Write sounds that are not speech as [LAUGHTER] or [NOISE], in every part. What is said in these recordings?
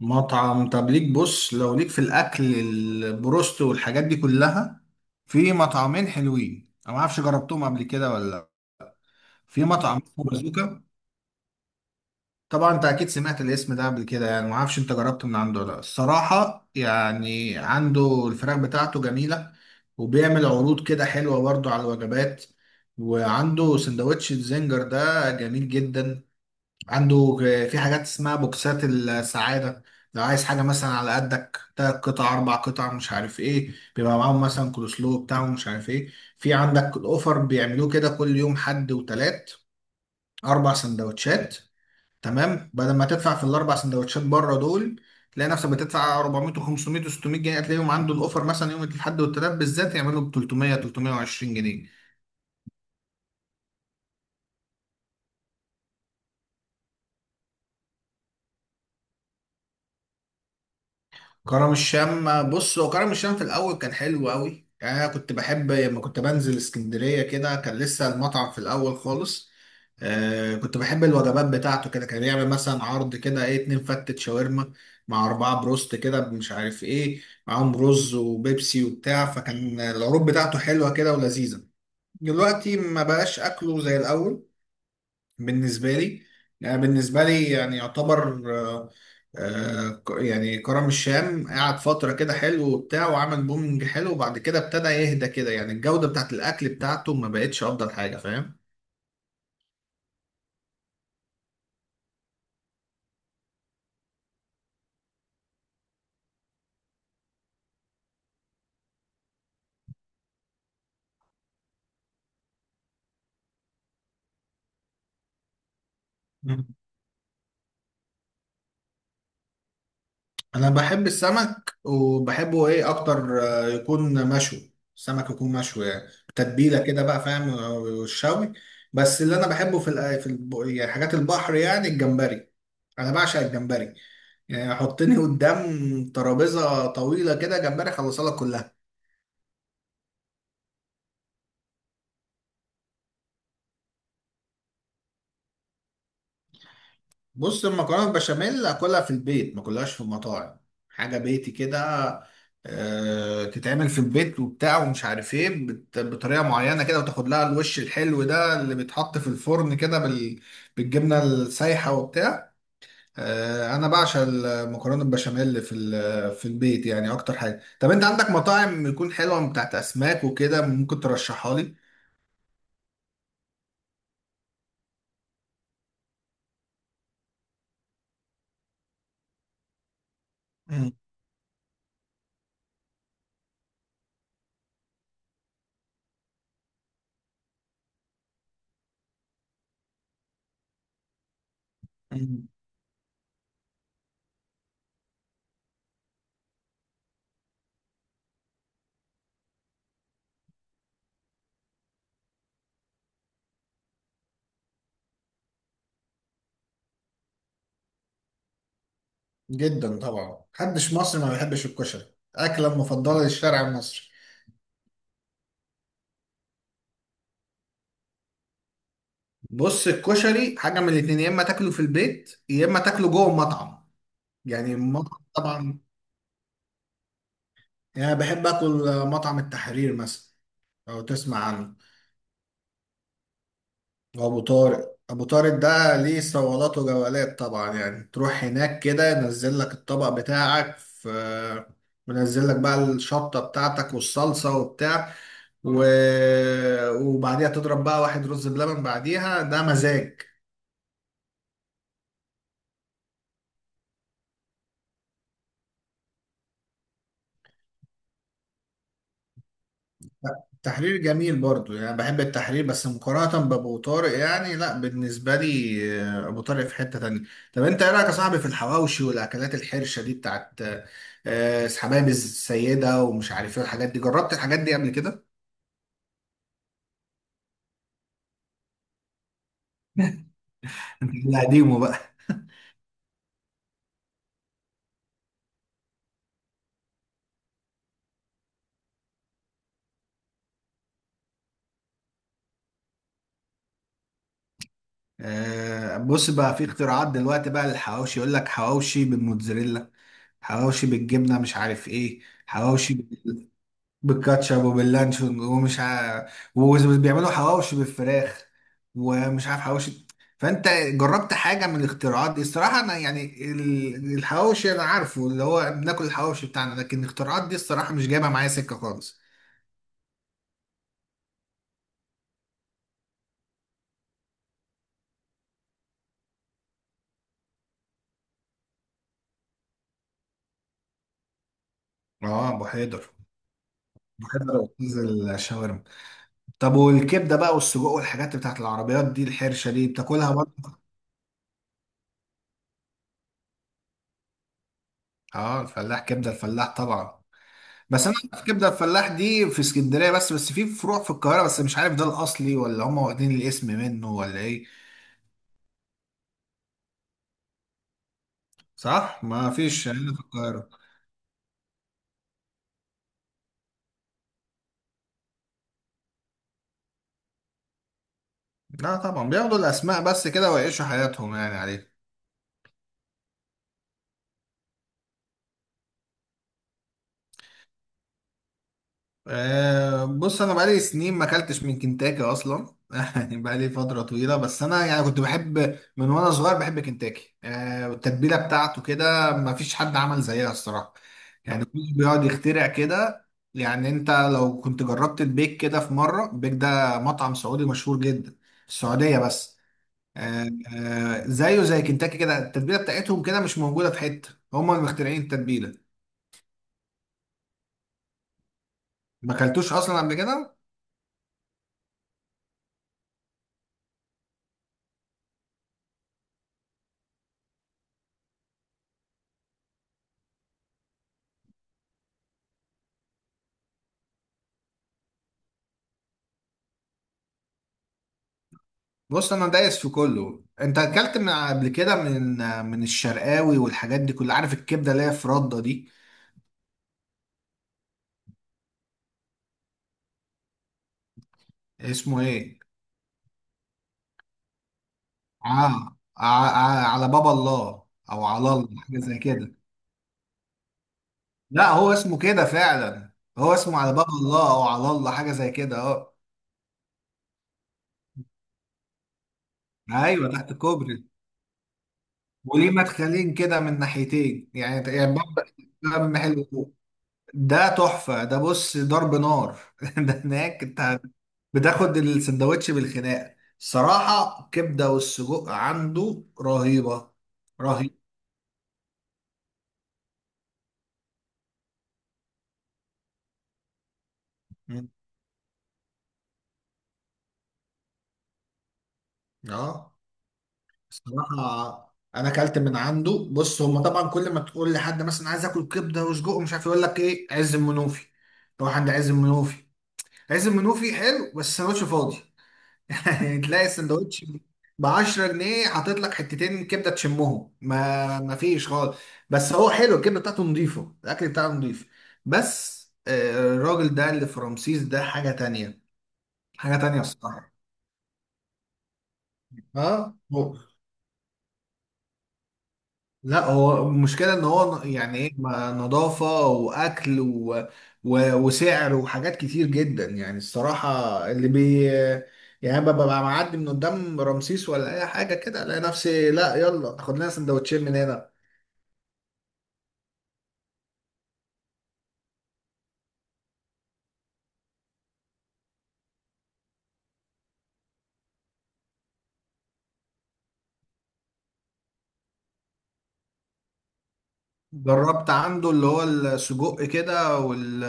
مطعم. طب ليك، بص لو ليك في الاكل البروست والحاجات دي كلها. في مطعمين حلوين انا ما اعرفش جربتهم قبل كده ولا لا. في مطعم اسمه بازوكا. طبعا انت اكيد سمعت الاسم ده قبل كده، يعني ما اعرفش انت جربت من عنده ولا لا. الصراحه يعني عنده الفراخ بتاعته جميله، وبيعمل عروض كده حلوه برضو على الوجبات. وعنده سندوتش الزنجر ده جميل جدا. عنده في حاجات اسمها بوكسات السعادة. لو عايز حاجة مثلا على قدك تلات قطع أربع قطع مش عارف إيه، بيبقى معاهم مثلا كولوسلو بتاعهم مش عارف إيه. في عندك الأوفر بيعملوه كده كل يوم، حد وتلات، أربع سندوتشات. تمام، بدل ما تدفع في الأربع سندوتشات بره دول تلاقي نفسك بتدفع 400 و500 و600 جنيه، هتلاقيهم عنده الأوفر مثلا يوم الأحد والتلات بالذات يعملوا ب 300 320 جنيه. كرم الشام، بص هو كرم الشام في الاول كان حلو قوي. يعني انا كنت بحب لما كنت بنزل اسكندريه كده، كان لسه المطعم في الاول خالص. آه كنت بحب الوجبات بتاعته، كده كان يعمل مثلا عرض كده ايه، اتنين فتة شاورما مع اربعه بروست كده مش عارف ايه، معاهم رز وبيبسي وبتاع. فكان العروض بتاعته حلوه كده ولذيذه. دلوقتي ما بقاش اكله زي الاول بالنسبة لي. يعني بالنسبة لي يعني يعتبر آه، آه، ك- يعني كرم الشام قعد فترة كده حلو وبتاع، وعمل بومنج حلو، وبعد كده ابتدى يهدى كده. يعني الجودة بتاعت الأكل بتاعته ما بقتش أفضل حاجة، فاهم. مم. أنا بحب السمك، وبحبه إيه أكتر، يكون مشوي. السمك يكون مشوي يعني تتبيلة كده بقى فاهم، والشوي. بس اللي أنا بحبه في الأ- في الب- يعني حاجات البحر، يعني الجمبري. أنا بعشق الجمبري، يعني حطني قدام ترابيزه طويله كده جمبري اخلصها لك كلها. بص المكرونه البشاميل اكلها في البيت، ما كلهاش في مطاعم. حاجه بيتي كده، تتعمل في البيت وبتاع ومش عارف ايه، بطريقه معينه كده، وتاخد لها الوش الحلو ده اللي بيتحط في الفرن كده بالجبنه السايحه وبتاع. انا بعشق المكرونه البشاميل في في البيت يعني اكتر حاجه. طب انت عندك مطاعم يكون حلوه بتاعت اسماك وكده ممكن ترشحها لي؟ مم. جدا طبعا، محدش مصري ما بيحبش الكشري، اكله مفضله للشارع المصري. بص الكشري حاجه من الاتنين، يا اما تاكله في البيت يا اما تاكله جوه المطعم. يعني المطعم طبعا. يعني أنا بحب اكل مطعم التحرير مثلا، لو تسمع عنه. وابو طارق، ابو طارق ده ليه صولات وجولات طبعا. يعني تروح هناك كده ينزل لك الطبق بتاعك، في منزل لك بقى الشطه بتاعتك والصلصه وبتاع و... وبعديها تضرب بقى واحد رز بلبن بعديها، ده مزاج. التحرير جميل برضو، يعني بحب التحرير، بس مقارنة بأبو طارق يعني لا. بالنسبة لي أبو طارق في حتة تانية. طب أنت إيه رأيك يا صاحبي في الحواوشي والأكلات الحرشة دي بتاعت حبايب السيدة ومش عارف إيه، الحاجات دي جربت الحاجات دي قبل كده؟ أنت اللي قديمه بقى. بص بقى، في اختراعات دلوقتي بقى للحواوشي. يقول لك حواوشي بالموتزاريلا، حواوشي بالجبنة مش عارف إيه. حواوشي بالكاتشب وباللانشون وبيعملوا حواوشي بالفراخ، ومش عارف حواوشي. فانت جربت حاجه من الاختراعات دي؟ الصراحه انا يعني الحواوشي انا عارفه اللي هو بناكل الحواوشي بتاعنا، لكن الاختراعات دي الصراحه مش جايبه معايا سكه خالص. اه ابو حيدر، ابو حيدر استاذ الشاورما. طب والكبده بقى والسجق والحاجات بتاعت العربيات دي الحرشه دي بتاكلها برضه؟ اه الفلاح، كبده الفلاح طبعا. بس انا في كبده الفلاح دي في اسكندريه بس، في فروع في القاهره بس مش عارف ده الاصلي ولا هم واخدين الاسم منه ولا ايه. صح، ما فيش هنا في القاهره. لا طبعا، بياخدوا الاسماء بس كده ويعيشوا حياتهم يعني عليه. أه بص انا بقالي سنين ما اكلتش من كنتاكي اصلا [LAUGHS] يعني بقالي فتره طويله. بس انا يعني كنت بحب من وانا صغير بحب كنتاكي، أه والتتبيله بتاعته كده ما فيش حد عمل زيها الصراحه. يعني كله بيقعد يخترع كده. يعني انت لو كنت جربت البيك كده في مره، البيك ده مطعم سعودي مشهور جدا في السعوديه بس. أه. أه زيه زي كنتاكي كده، التتبيله بتاعتهم كده مش موجوده في حته، هم اللي مخترعين التتبيله. ما اكلتوش اصلا قبل كده؟ بص انا دايس في كله. انت اكلت من قبل كده من الشرقاوي والحاجات دي كلها؟ عارف الكبده اللي هي في رده دي؟ اسمه ايه؟ على باب الله، او على الله حاجه زي كده. لا هو اسمه كده فعلا، هو اسمه على باب الله او على الله حاجه زي كده، اه. ايوه تحت كوبري، وليه مدخلين كده من ناحيتين، يعني يعني باب، باب محل. ده تحفة ده، بص ضرب نار [LAUGHS] ده هناك انت بتاخد السندوتش بالخناقة. الصراحة الكبدة والسجق عنده رهيبة، رهيبة. مم. اه. الصراحة انا اكلت من عنده. بص هما طبعا كل ما تقول لحد مثلا عايز اكل كبدة وسجق ومش عارف إيه، يقول لك ايه، عز المنوفي، روح عند عز المنوفي. عز المنوفي حلو بس السندوتش فاضي، يعني تلاقي السندوتش ب 10 جنيه حاطط لك حتتين كبده تشمهم ما فيش خالص. بس هو حلو، الكبده بتاعته نظيفه، الاكل بتاعه نظيف. بس الراجل ده اللي في رمسيس ده حاجه تانية، حاجه تانية الصراحه. اه هو، لا هو المشكلة ان هو يعني ايه نظافة واكل وسعر وحاجات كتير جدا يعني الصراحة. اللي بي يعني ببقى معدي من قدام رمسيس ولا اي حاجة كده الاقي نفسي، لا يلا خد لنا سندوتشين من هنا. جربت عنده اللي هو السجق كده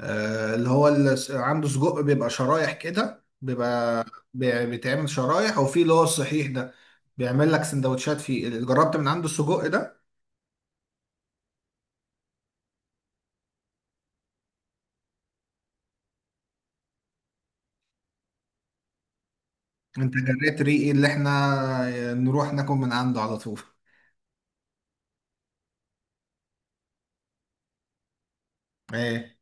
اللي هو عنده سجق بيبقى شرايح كده، بيبقى بيتعمل شرايح، وفي اللي هو الصحيح ده بيعمل لك سندوتشات فيه، جربت من عنده السجق ده؟ انت جريت ريقي اللي احنا نروح ناكل من عنده على طول. ايه؟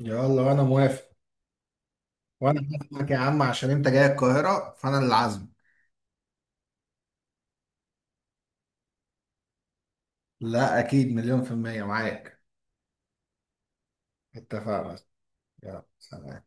يلا وانا موافق. وانا هسمعك يا عم، عشان انت جاي القاهرة فانا اللي عازمك. لا اكيد، مليون في المية معاك. اتفقنا. يلا سلام.